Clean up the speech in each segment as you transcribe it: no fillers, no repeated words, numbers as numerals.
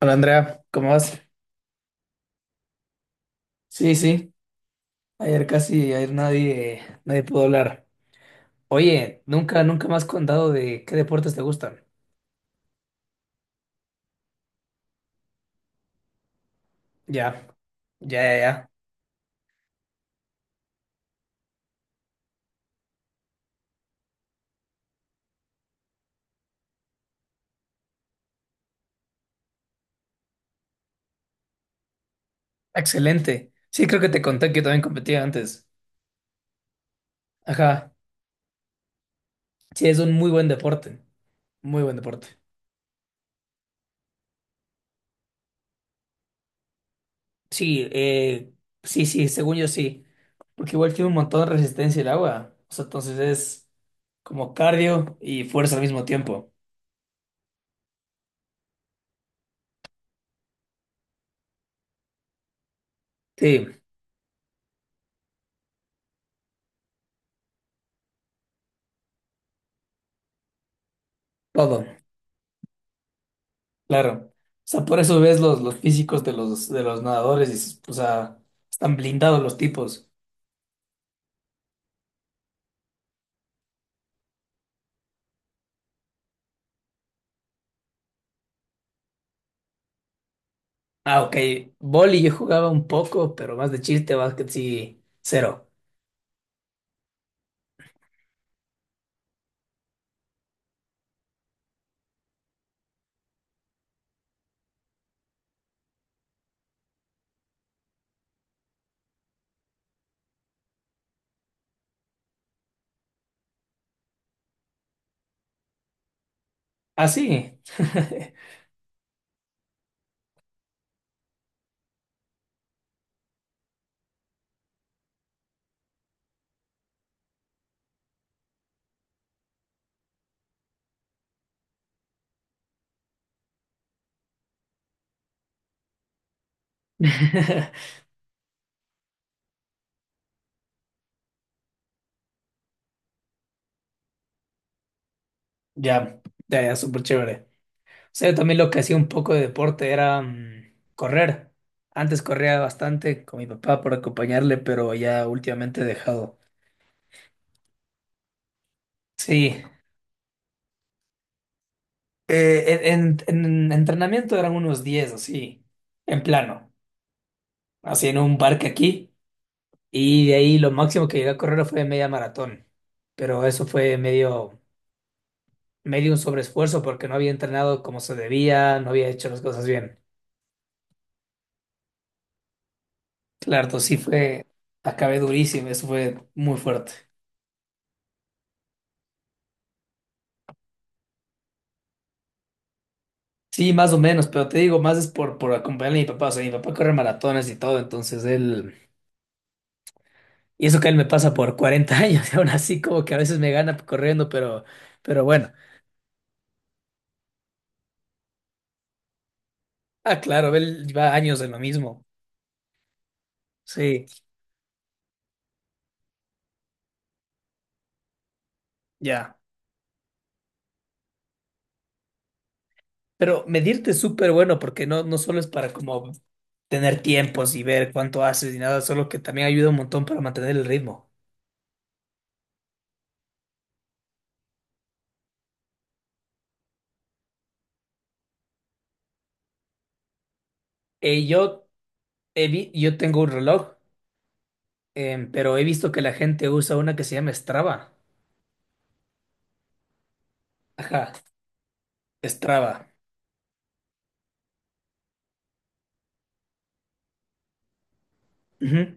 Hola Andrea, ¿cómo vas? Sí, sí, ayer casi, ayer nadie pudo hablar. Oye, nunca me has contado de qué deportes te gustan. Ya, ya, ya, ya. Excelente. Sí, creo que te conté que yo también competía antes. Ajá. Sí, es un muy buen deporte. Muy buen deporte. Sí, sí, sí, según yo sí. Porque igual tiene un montón de resistencia el agua. O sea, entonces es como cardio y fuerza al mismo tiempo. Sí, todo. Claro. O sea, por eso ves los físicos de los nadadores, y dices, o sea, están blindados los tipos. Ah, ok. Voli yo jugaba un poco, pero más de chiste, básquet sí, cero. Ah, sí. Ya, ya, ya, súper chévere. O sea, yo también lo que hacía un poco de deporte era correr. Antes corría bastante con mi papá por acompañarle, pero ya últimamente he dejado. Sí. Eh, en, en- en entrenamiento eran unos 10 así, en plano. Así en un parque aquí, y de ahí lo máximo que llegué a correr fue media maratón, pero eso fue medio un sobreesfuerzo porque no había entrenado como se debía, no había hecho las cosas bien. Claro, entonces sí fue, acabé durísimo, eso fue muy fuerte. Sí, más o menos, pero te digo, más es por acompañar a mi papá, o sea, mi papá corre maratones y todo, entonces él, y eso que él me pasa por 40 años, y aún así como que a veces me gana corriendo, pero bueno, ah, claro, él lleva años en lo mismo, sí, ya. Pero medirte es súper bueno porque no solo es para como tener tiempos y ver cuánto haces y nada, solo que también ayuda un montón para mantener el ritmo. Eh, yo, yo tengo un reloj, pero he visto que la gente usa una que se llama Strava. Ajá, Strava. Ujú.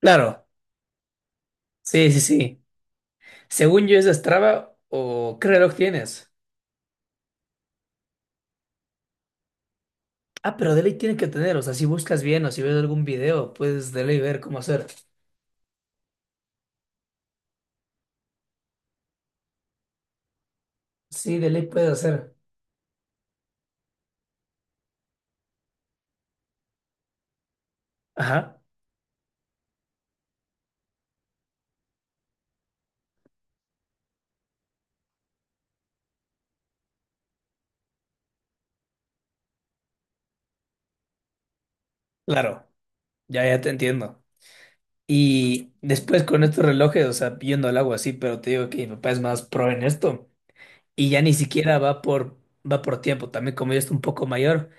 Claro, sí, sí, sí. Según yo es Strava, o ¿qué reloj tienes? Ah, pero de ley tiene que tener, o sea, si buscas bien o si ves algún video, puedes de ley ver cómo hacer. Sí, de ley puedes hacer. Ajá, claro, ya, ya te entiendo. Y después con estos relojes, o sea, yendo al agua, sí, pero te digo que mi papá es más pro en esto. Y ya ni siquiera va por tiempo. También como ya está un poco mayor,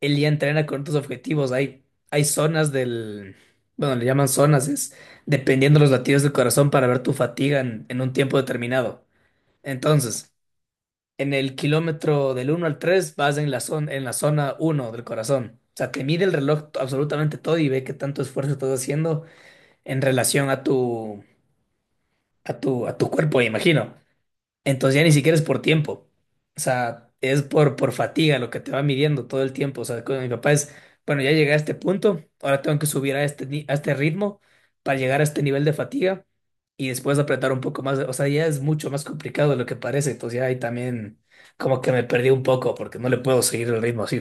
él ya entrena con otros objetivos. Hay zonas del, bueno, le llaman zonas, es dependiendo los latidos del corazón para ver tu fatiga en un tiempo determinado. Entonces, en el kilómetro del 1 al 3 vas en la zona uno del corazón. O sea, te mide el reloj absolutamente todo y ve qué tanto esfuerzo estás haciendo en relación a tu cuerpo, me imagino. Entonces ya ni siquiera es por tiempo. O sea, es por fatiga lo que te va midiendo todo el tiempo. O sea, con mi papá es, bueno, ya llegué a este punto, ahora tengo que subir a este, ni- a este ritmo para llegar a este nivel de fatiga y después apretar un poco más. O sea, ya es mucho más complicado de lo que parece. Entonces ya ahí también como que me perdí un poco porque no le puedo seguir el ritmo así.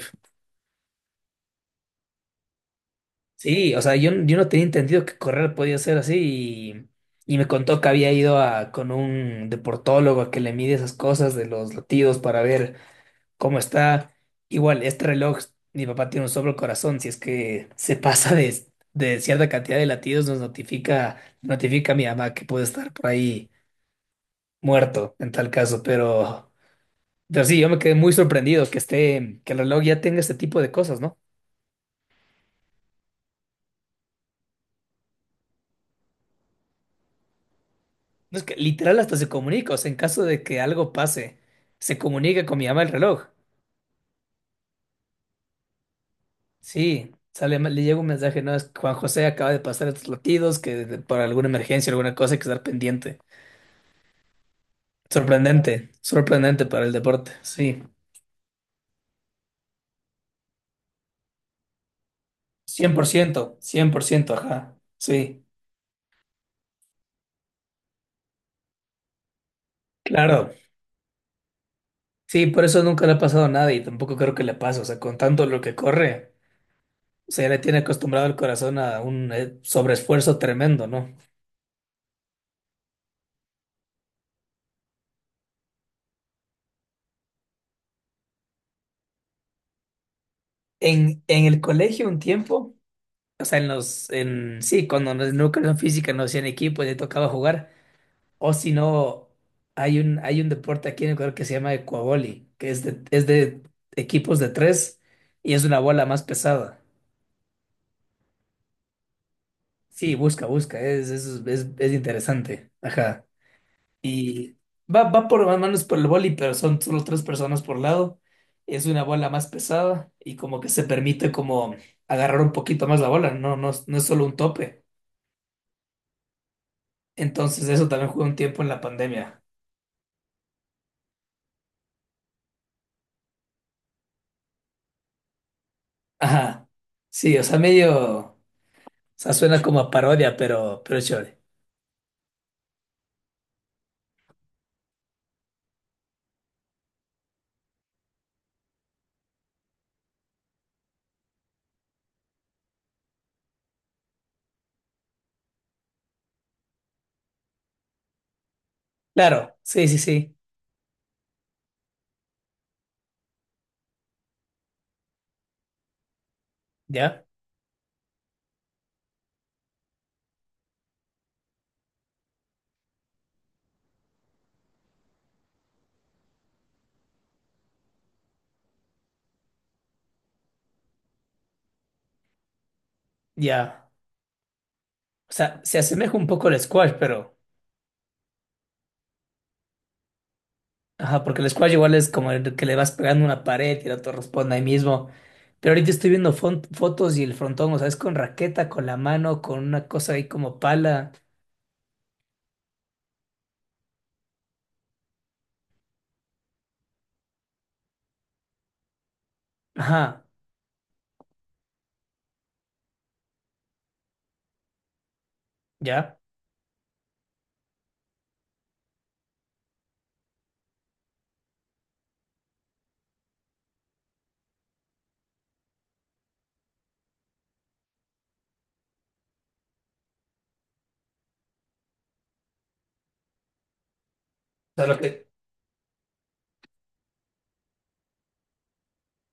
Sí, o sea, yo no tenía entendido que correr podía ser así, y me contó que había ido con un deportólogo a que le mide esas cosas de los latidos para ver cómo está. Igual, este reloj, mi papá tiene un sobre corazón, si es que se pasa de cierta cantidad de latidos, nos notifica, a mi mamá que puede estar por ahí muerto en tal caso, pero sí, yo me quedé muy sorprendido que el reloj ya tenga este tipo de cosas, ¿no? No es que literal hasta se comunica, o sea, en caso de que algo pase, se comunica con mi mamá el reloj. Sí, sale, le llega un mensaje, no, es que Juan José acaba de pasar estos latidos, que por alguna emergencia, alguna cosa hay que estar pendiente. Sorprendente, sorprendente para el deporte, sí. 100%, 100%, ajá, sí, claro. Sí, por eso nunca le ha pasado nada y tampoco creo que le pase, o sea, con tanto lo que corre, o se le tiene acostumbrado el corazón a un sobreesfuerzo tremendo, ¿no? En el colegio un tiempo... O sea, sí, cuando en la educación física nos hacían equipo y te tocaba jugar. O si no, hay un deporte aquí en Ecuador que se llama ecuavoli, que es de equipos de tres y es una bola más pesada. Sí, busca, busca, es interesante. Ajá. Y va por más manos por el boli, pero son solo tres personas por lado. Es una bola más pesada y como que se permite como agarrar un poquito más la bola, no es solo un tope. Entonces eso también jugué un tiempo en la pandemia. Ajá. Sí, o sea, medio, o sea, suena como a parodia, pero es chévere. Claro, sí, sí, sí. Ya, ya. O sea, se asemeja un poco al squash, pero, ajá, porque el squash igual es como el que le vas pegando una pared y el otro responde ahí mismo. Pero ahorita estoy viendo fotos y el frontón, o sea, es con raqueta, con la mano, con una cosa ahí como pala. Ajá, ya. O sea,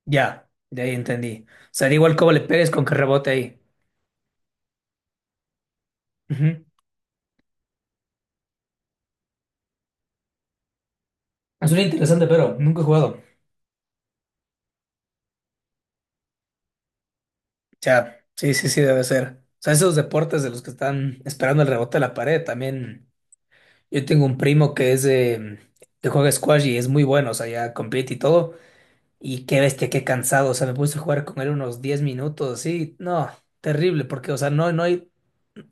ya, de ahí entendí. O sea, da igual cómo le pegues con que rebote ahí. Suena interesante, pero nunca he jugado. Ya, sí, sí, sí, debe ser. O sea, esos deportes de los que están esperando el rebote de la pared, también. Yo tengo un primo que juega squash y es muy bueno, o sea, ya compite y todo. Y qué bestia, qué cansado. O sea, me puse a jugar con él unos 10 minutos, sí. No, terrible, porque, o sea, no hay,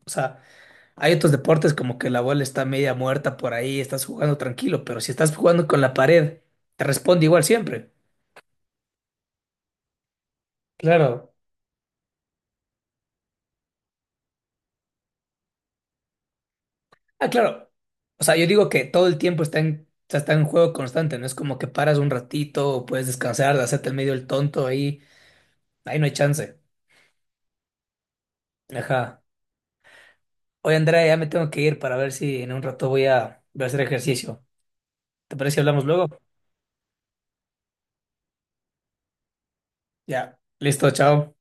o sea, hay otros deportes como que la bola está media muerta por ahí, estás jugando tranquilo, pero si estás jugando con la pared, te responde igual siempre. Claro. Ah, claro. O sea, yo digo que todo el tiempo está en, o sea, está en juego constante, no es como que paras un ratito o puedes descansar, de hacerte el medio el tonto ahí, ahí no hay chance. Ajá. Oye, Andrea, ya me tengo que ir para ver si en un rato voy a hacer ejercicio. ¿Te parece si hablamos luego? Ya. Listo, chao.